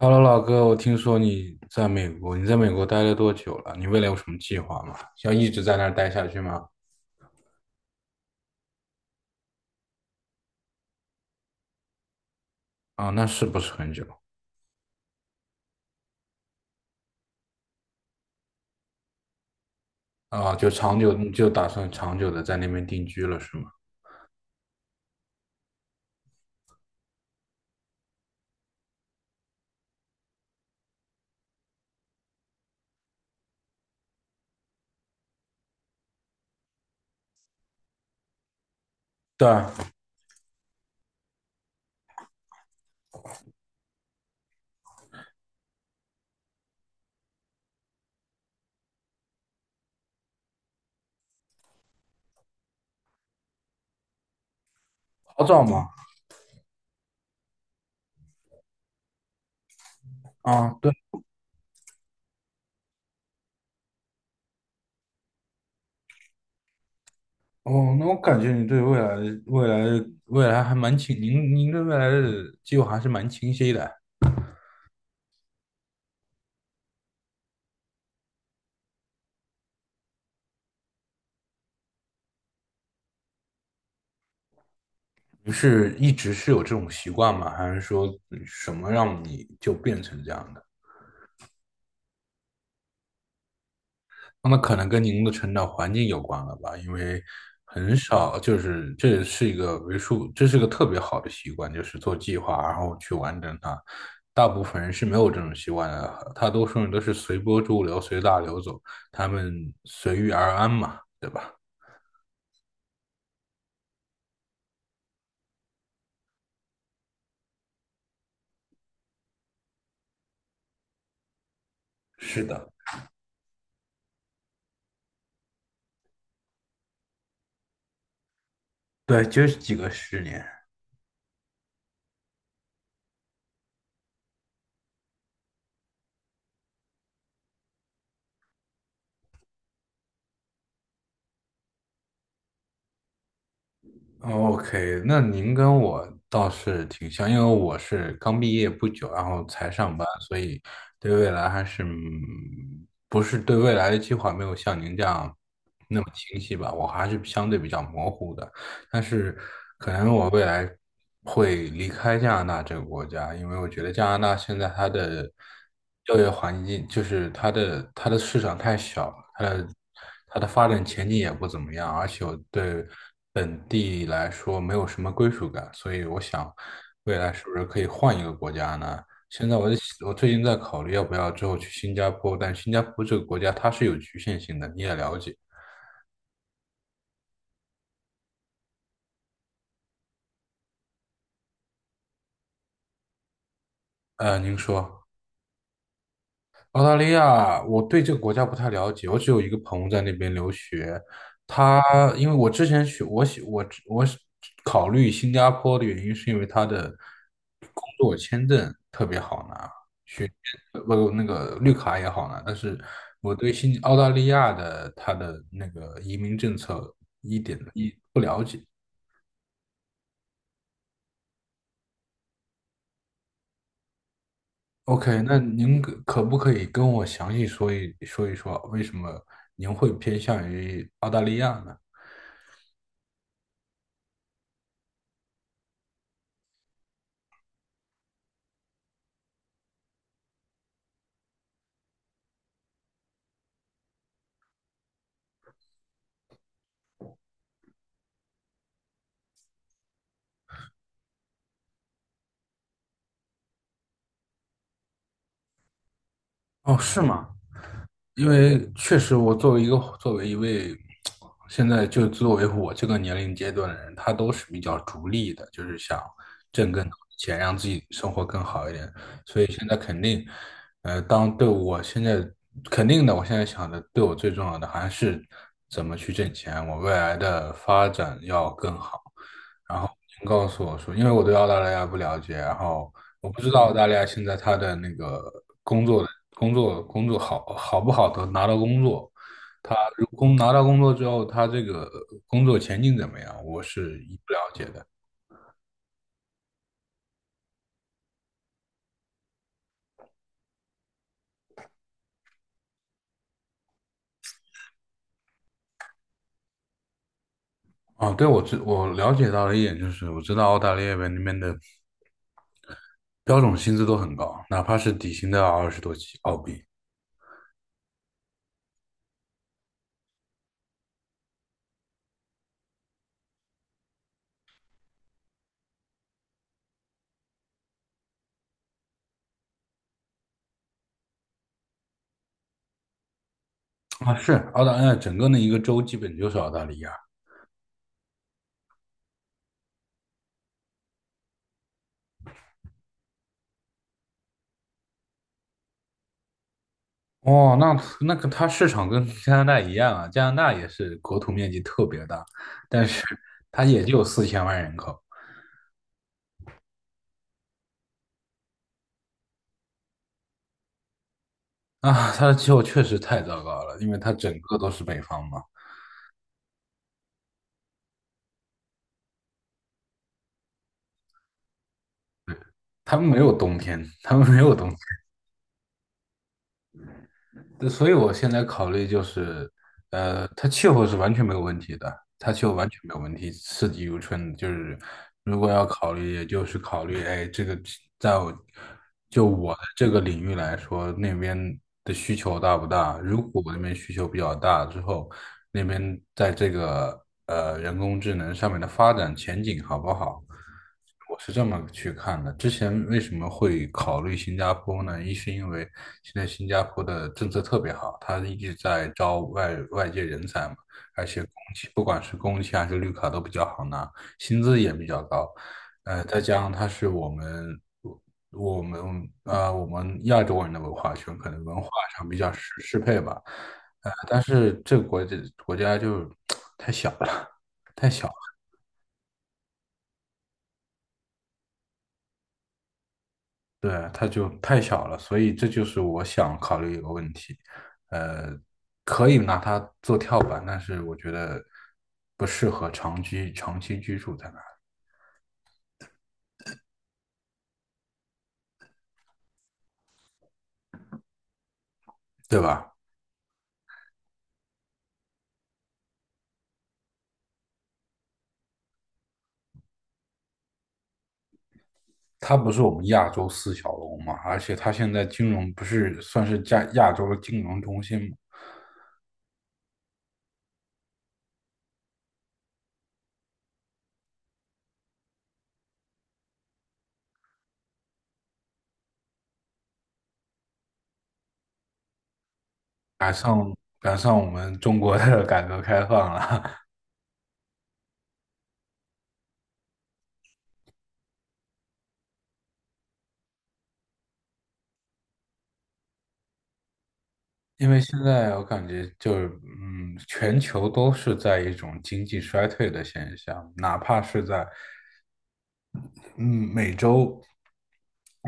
Hello，老哥，我听说你在美国，你在美国待了多久了？你未来有什么计划吗？要一直在那儿待下去吗？啊，那是不是很久？啊，就长久，你就打算长久的在那边定居了，是吗？对。好找吗？啊，对。哦，那我感觉你对未来的未来还蛮清，您对未来的计划还是蛮清晰的。你是一直是有这种习惯吗？还是说什么让你就变成这样的？那么可能跟您的成长环境有关了吧，因为很少，就是这是一个为数，这是个特别好的习惯，就是做计划，然后去完成它。大部分人是没有这种习惯的，大多数人都是随波逐流、随大流走，他们随遇而安嘛，对吧？是的。对，就是几个十年。OK，那您跟我倒是挺像，因为我是刚毕业不久，然后才上班，所以对未来还是嗯不是对未来的计划没有像您这样那么清晰吧，我还是相对比较模糊的。但是可能我未来会离开加拿大这个国家，因为我觉得加拿大现在它的就业环境，就是它的市场太小了，它的发展前景也不怎么样，而且我对本地来说没有什么归属感，所以我想未来是不是可以换一个国家呢？现在我在我最近在考虑要不要之后去新加坡，但新加坡这个国家它是有局限性的，你也了解。您说。澳大利亚，我对这个国家不太了解，我只有一个朋友在那边留学。他因为我之前去，我喜我我是考虑新加坡的原因，是因为他的工作签证特别好拿，不那个绿卡也好拿。但是我对新澳大利亚的他的那个移民政策一点不了解。OK，那您可不可以跟我详细说一说，为什么您会偏向于澳大利亚呢？哦，是吗？因为确实，我作为一位现在就作为我这个年龄阶段的人，他都是比较逐利的，就是想挣更多的钱，让自己生活更好一点。所以现在肯定，我现在肯定的，我现在想的，对我最重要的还是怎么去挣钱，我未来的发展要更好。然后您告诉我说，因为我对澳大利亚不了解，然后我不知道澳大利亚现在他的那个工作的工作好不好的拿到工作，他如工拿到工作之后，他这个工作前景怎么样，我是一不了解的。啊，对，我了解到了一点就是，我知道澳大利亚那边的标准薪资都很高，哪怕是底薪都要20多起澳币啊。是澳大利亚整个的一个州基本就是澳大利亚。哦，那那个它市场跟加拿大一样啊，加拿大也是国土面积特别大，但是它也就4000万人口啊，它的气候确实太糟糕了，因为它整个都是北方嘛，他们没有冬天，他们没有冬。对所以我现在考虑就是，呃，它气候是完全没有问题的，它气候完全没有问题，四季如春。就是如果要考虑，也就是考虑，哎，这个在我就我的这个领域来说，那边的需求大不大？如果我那边需求比较大之后，那边在这个人工智能上面的发展前景好不好？我是这么去看的。之前为什么会考虑新加坡呢？一是因为现在新加坡的政策特别好，它一直在招外界人才嘛，而且工签不管是工签还是绿卡都比较好拿，薪资也比较高。呃，再加上它是我们啊、我们亚洲人的文化圈，可能文化上比较适配吧。呃，但是这个国家就 太小了。对，它就太小了，所以这就是我想考虑一个问题。呃，可以拿它做跳板，但是我觉得不适合长居长期居住在那里，对吧？它不是我们亚洲四小龙嘛，而且它现在金融不是算是亚洲的金融中心嘛，赶上我们中国的 改革开放了。因为现在我感觉就是，嗯，全球都是在一种经济衰退的现象，哪怕是在嗯，美洲，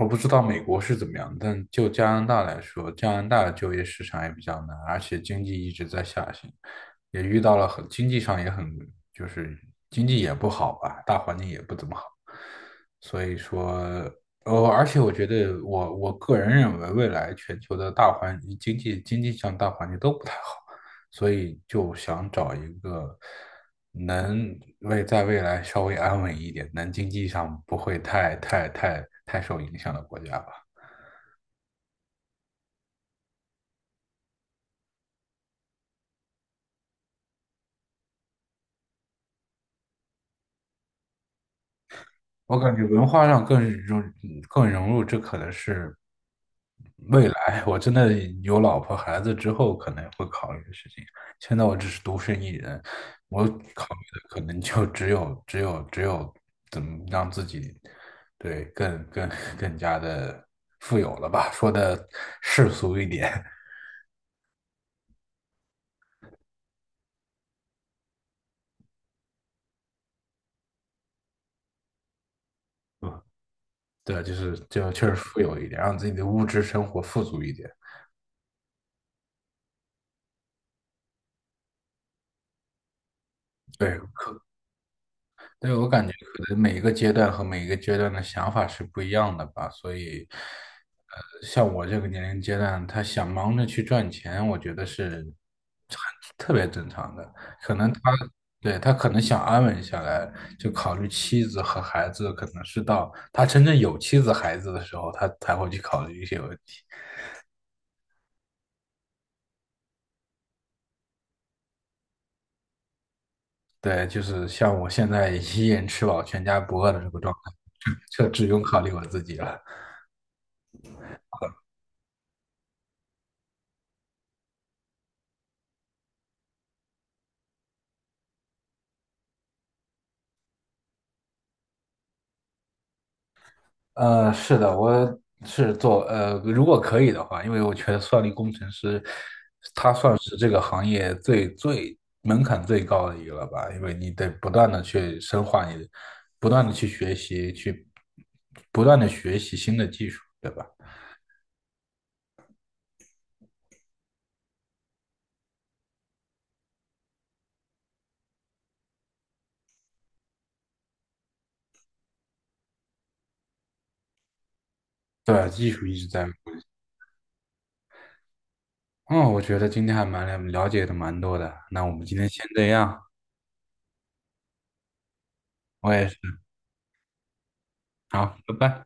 我不知道美国是怎么样，但就加拿大来说，加拿大就业市场也比较难，而且经济一直在下行，也遇到了很，经济上也很，就是经济也不好吧，大环境也不怎么好，所以说，呃，而且我觉得我个人认为，未来全球的大环经济上大环境都不太好。所以就想找一个能为在未来稍微安稳一点，能经济上不会太受影响的国家吧。我感觉文化上更融入，这可能是未来 我真的有老婆孩子之后可能会考虑的事情。现在我只是独身一人，我考虑的可能就只有怎么让自己对更更更加的富有了吧？说的世俗一点。嗯，对，就是就确实富有一点，让自己的物质生活富足一点。对。对，我感觉可能每一个阶段和每一个阶段的想法是不一样的吧，所以，呃，像我这个年龄阶段，他想忙着去赚钱，我觉得是特别正常的。可能他，对，他可能想安稳下来，就考虑妻子和孩子，可能是到他真正有妻子孩子的时候，他才会去考虑一些问题。对，就是像我现在 一人吃饱全家不饿的这个状态，这只用考虑我自己了。呃，是的，我是做呃，如果可以的话，因为我觉得算力工程师，他算是这个行业最门槛最高的一个了吧，因为你得不断的去深化你的，不断的去学习，去不断的学习新的技术，对吧？对，技术一直在。嗯，我觉得今天还蛮了解的蛮多的，那我们今天先这样，我也是，好，拜拜。